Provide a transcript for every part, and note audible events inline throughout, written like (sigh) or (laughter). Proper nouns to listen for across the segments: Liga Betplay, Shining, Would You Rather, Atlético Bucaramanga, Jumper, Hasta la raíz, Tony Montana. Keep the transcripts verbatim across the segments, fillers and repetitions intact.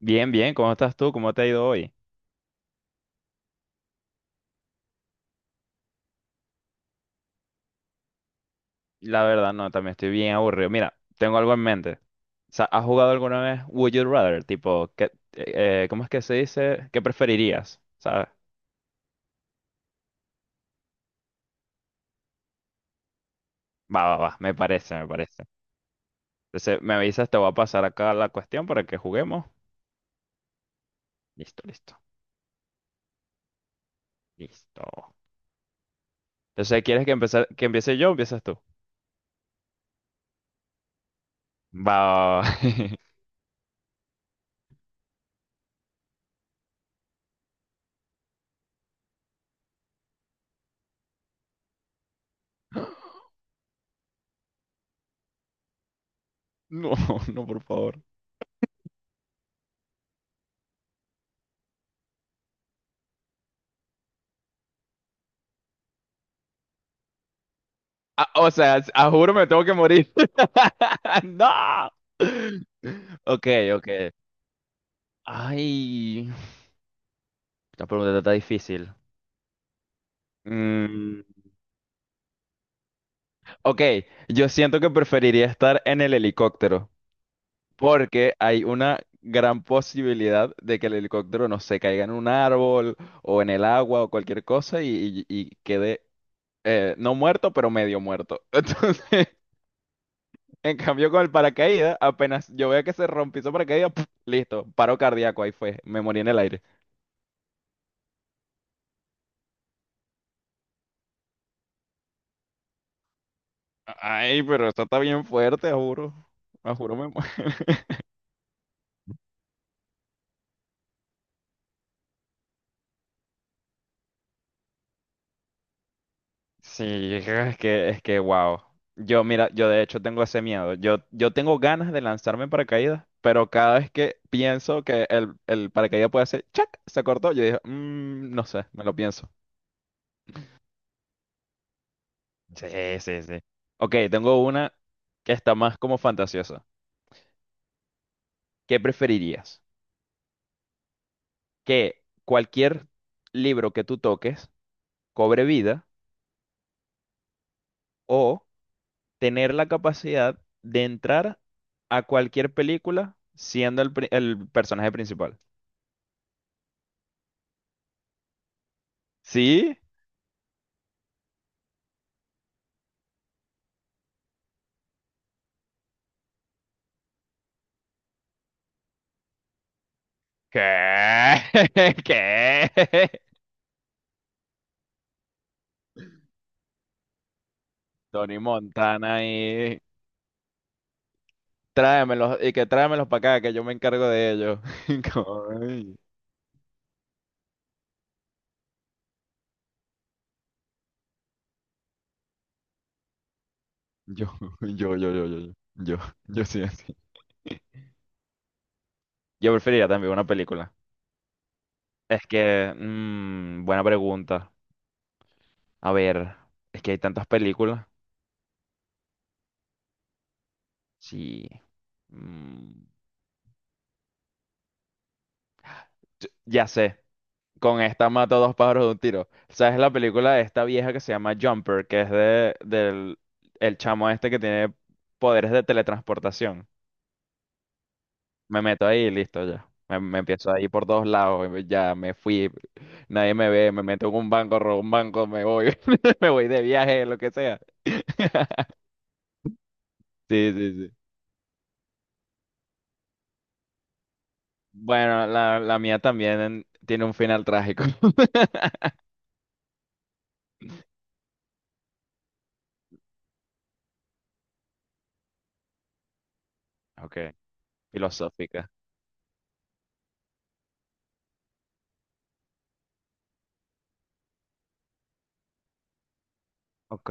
Bien, bien, ¿cómo estás tú? ¿Cómo te ha ido hoy? La verdad, no, también estoy bien aburrido. Mira, tengo algo en mente. O sea, ¿has jugado alguna vez Would You Rather? Tipo, ¿qué, eh, cómo es que se dice? ¿Qué preferirías? ¿Sabes? Va, va, va, me parece, me parece. Entonces, me avisas, te voy a pasar acá la cuestión para que juguemos. Listo, listo, listo. Entonces, ¿quieres que empezar, que empiece yo o empiezas tú? Va, va, va. (laughs) No, no, por favor. Ah, o sea, a juro me tengo que morir. (laughs) ¡No! Ok, ok. Ay, la pregunta está difícil. Mm, ok, yo siento que preferiría estar en el helicóptero porque hay una gran posibilidad de que el helicóptero no se caiga en un árbol o en el agua o cualquier cosa y, y- y quede eh, no muerto, pero medio muerto. (laughs) Entonces, en cambio, con el paracaídas, apenas yo veo que se rompió ese paracaídas, ¡puf! Listo, paro cardíaco, ahí fue, me morí en el aire. Ay, pero eso está bien fuerte, juro. Ah, juro, me muero. (laughs) Sí, es que, es que, wow. Yo, mira, yo de hecho tengo ese miedo. Yo, yo tengo ganas de lanzarme en paracaídas, pero cada vez que pienso que el, el paracaídas puede hacer, ¡chac! Se cortó, yo digo, "Mm, no sé, me lo pienso". Sí, sí, sí. Ok, tengo una que está más como fantasiosa. ¿Qué preferirías? Que cualquier libro que tú toques cobre vida o tener la capacidad de entrar a cualquier película siendo el, pri- el personaje principal. ¿Sí? ¿Qué? (laughs) ¿Qué? Tony Montana y tráemelos y que tráemelos para acá que yo me encargo de ellos. (laughs) Ay, Yo, yo, yo, yo, yo, yo, yo, yo sí así. Yo preferiría también una película. Es que, mm, buena pregunta. A ver, es que hay tantas películas. Sí, mm, ya sé, con esta mato dos pájaros de un tiro. ¿Sabes la película de esta vieja que se llama Jumper? Que es de, del el chamo este que tiene poderes de teletransportación. Me meto ahí y listo ya. Me, me empiezo ahí por todos lados. eh, Ya me fui. Nadie me ve. Me meto en un banco, robo un banco, me voy. (laughs) Me voy de viaje, lo que sea. (laughs) Sí, sí, sí. Bueno, la, la mía también tiene un final trágico. (laughs) Ok. Filosófica. Ok.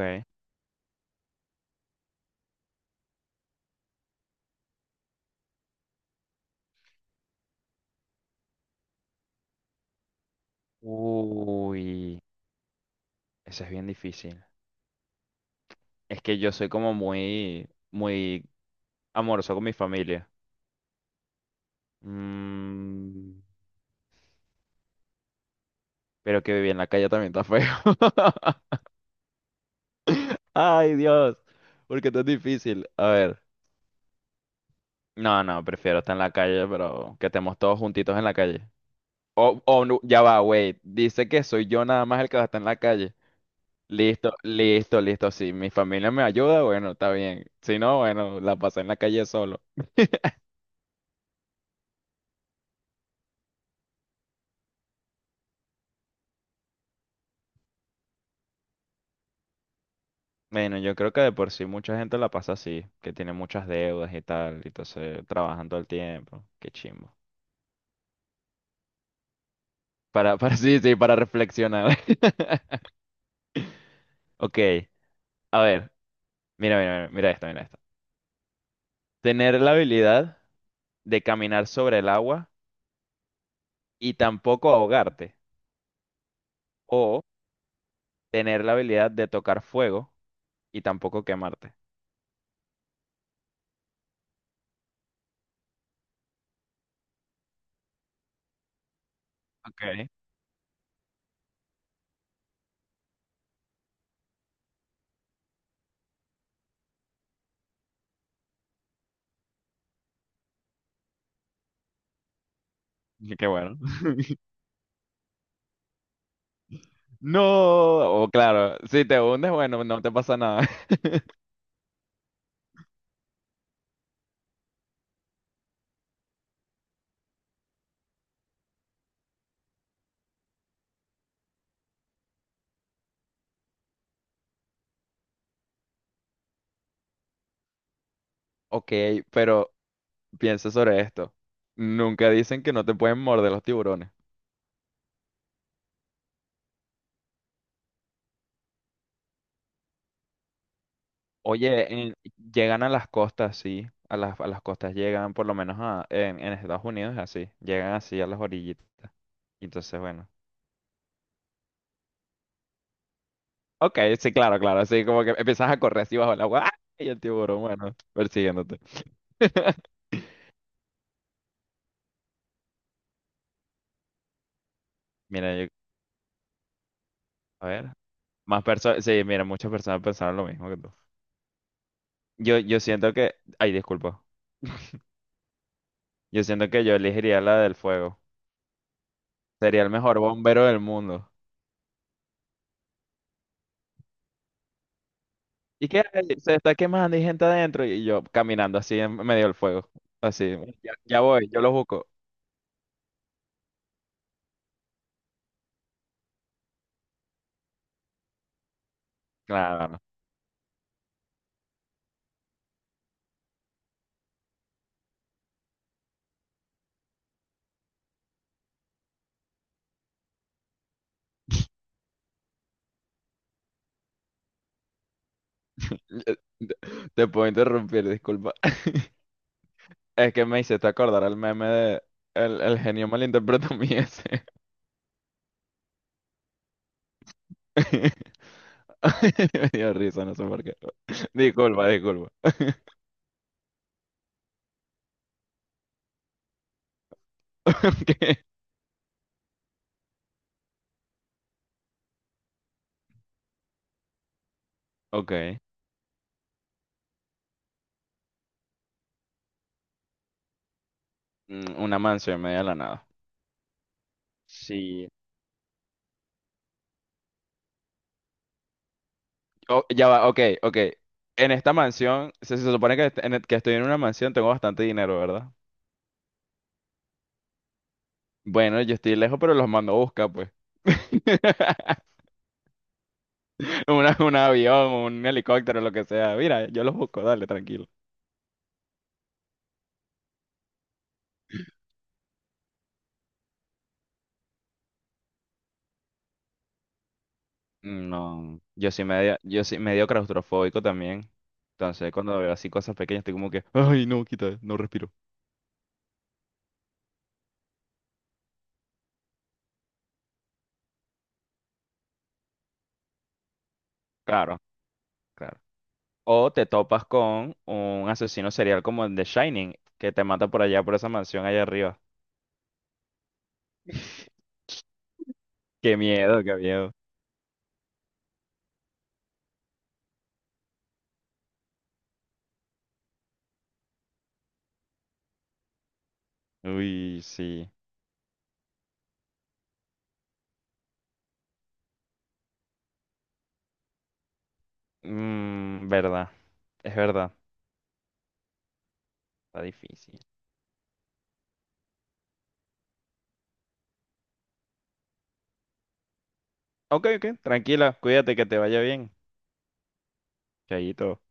Uy, eso es bien difícil. Es que yo soy como muy, muy amoroso con mi familia. Mm, pero que vivir en la calle también está feo. (laughs) Ay, Dios. Porque esto es difícil. A ver. No, no, prefiero estar en la calle, pero que estemos todos juntitos en la calle. O, o no, ya va, wait. Dice que soy yo nada más el que va a estar en la calle. Listo, listo, listo. Si mi familia me ayuda, bueno, está bien. Si no, bueno, la pasé en la calle solo. (laughs) Bueno, yo creo que de por sí mucha gente la pasa así, que tiene muchas deudas y tal, y entonces trabajan todo el tiempo. Qué chimbo. Para, para, (laughs) sí, sí, para reflexionar. (laughs) Ok, a ver, mira, mira, mira, mira esto, mira esto. Tener la habilidad de caminar sobre el agua y tampoco ahogarte. O tener la habilidad de tocar fuego y tampoco quemarte. Ok, qué bueno. (laughs) No, o claro, si te hundes, bueno, no te pasa nada. (laughs) Ok, pero piensa sobre esto. Nunca dicen que no te pueden morder los tiburones. Oye, en- Llegan a las costas, sí. A las, a las costas llegan, por lo menos a- en, en Estados Unidos, así. Llegan así a las orillitas. Entonces, bueno. Ok, sí, claro, claro. Así como que empiezas a correr así bajo el agua. ¡Ah! Y el tiburón, bueno, persiguiéndote. (laughs) Mira, yo- a ver. Más personas, sí, mira, muchas personas pensaron lo mismo que tú. Yo, yo siento que... Ay, disculpa. Yo siento que yo elegiría la del fuego. Sería el mejor bombero del mundo. ¿Y qué hay? Se está quemando y gente adentro. Y yo caminando así en medio del fuego. Así. Ya, ya voy, yo lo busco. Claro, no. (laughs) Te puedo interrumpir, disculpa. (laughs) Es que me hiciste acordar el meme de... El, el genio malinterpretó mi ese. (laughs) Me dio risa, no sé por qué. Disculpa, disculpa. (laughs) Ok. Ok. Mm, una mansión en medio de la nada. Sí, oh, ya va, ok, ok. En esta mansión, se, se supone que, est- en e, que estoy en una mansión, tengo bastante dinero, ¿verdad? Bueno, yo estoy lejos, pero los mando a buscar, pues. (laughs) Una- un avión, un helicóptero, lo que sea. Mira, yo los busco, dale, tranquilo. No, yo soy medio, yo soy medio claustrofóbico también. Entonces, cuando veo así cosas pequeñas, estoy como que, ay, no, quita, no respiro. Claro, claro. O te topas con un asesino serial como el de Shining, que te mata por allá, por esa mansión allá arriba. (laughs) Qué miedo, qué miedo. Uy, sí. Mm, verdad, es verdad. Está difícil. Ok, ok, tranquila, cuídate que te vaya bien. Chayito.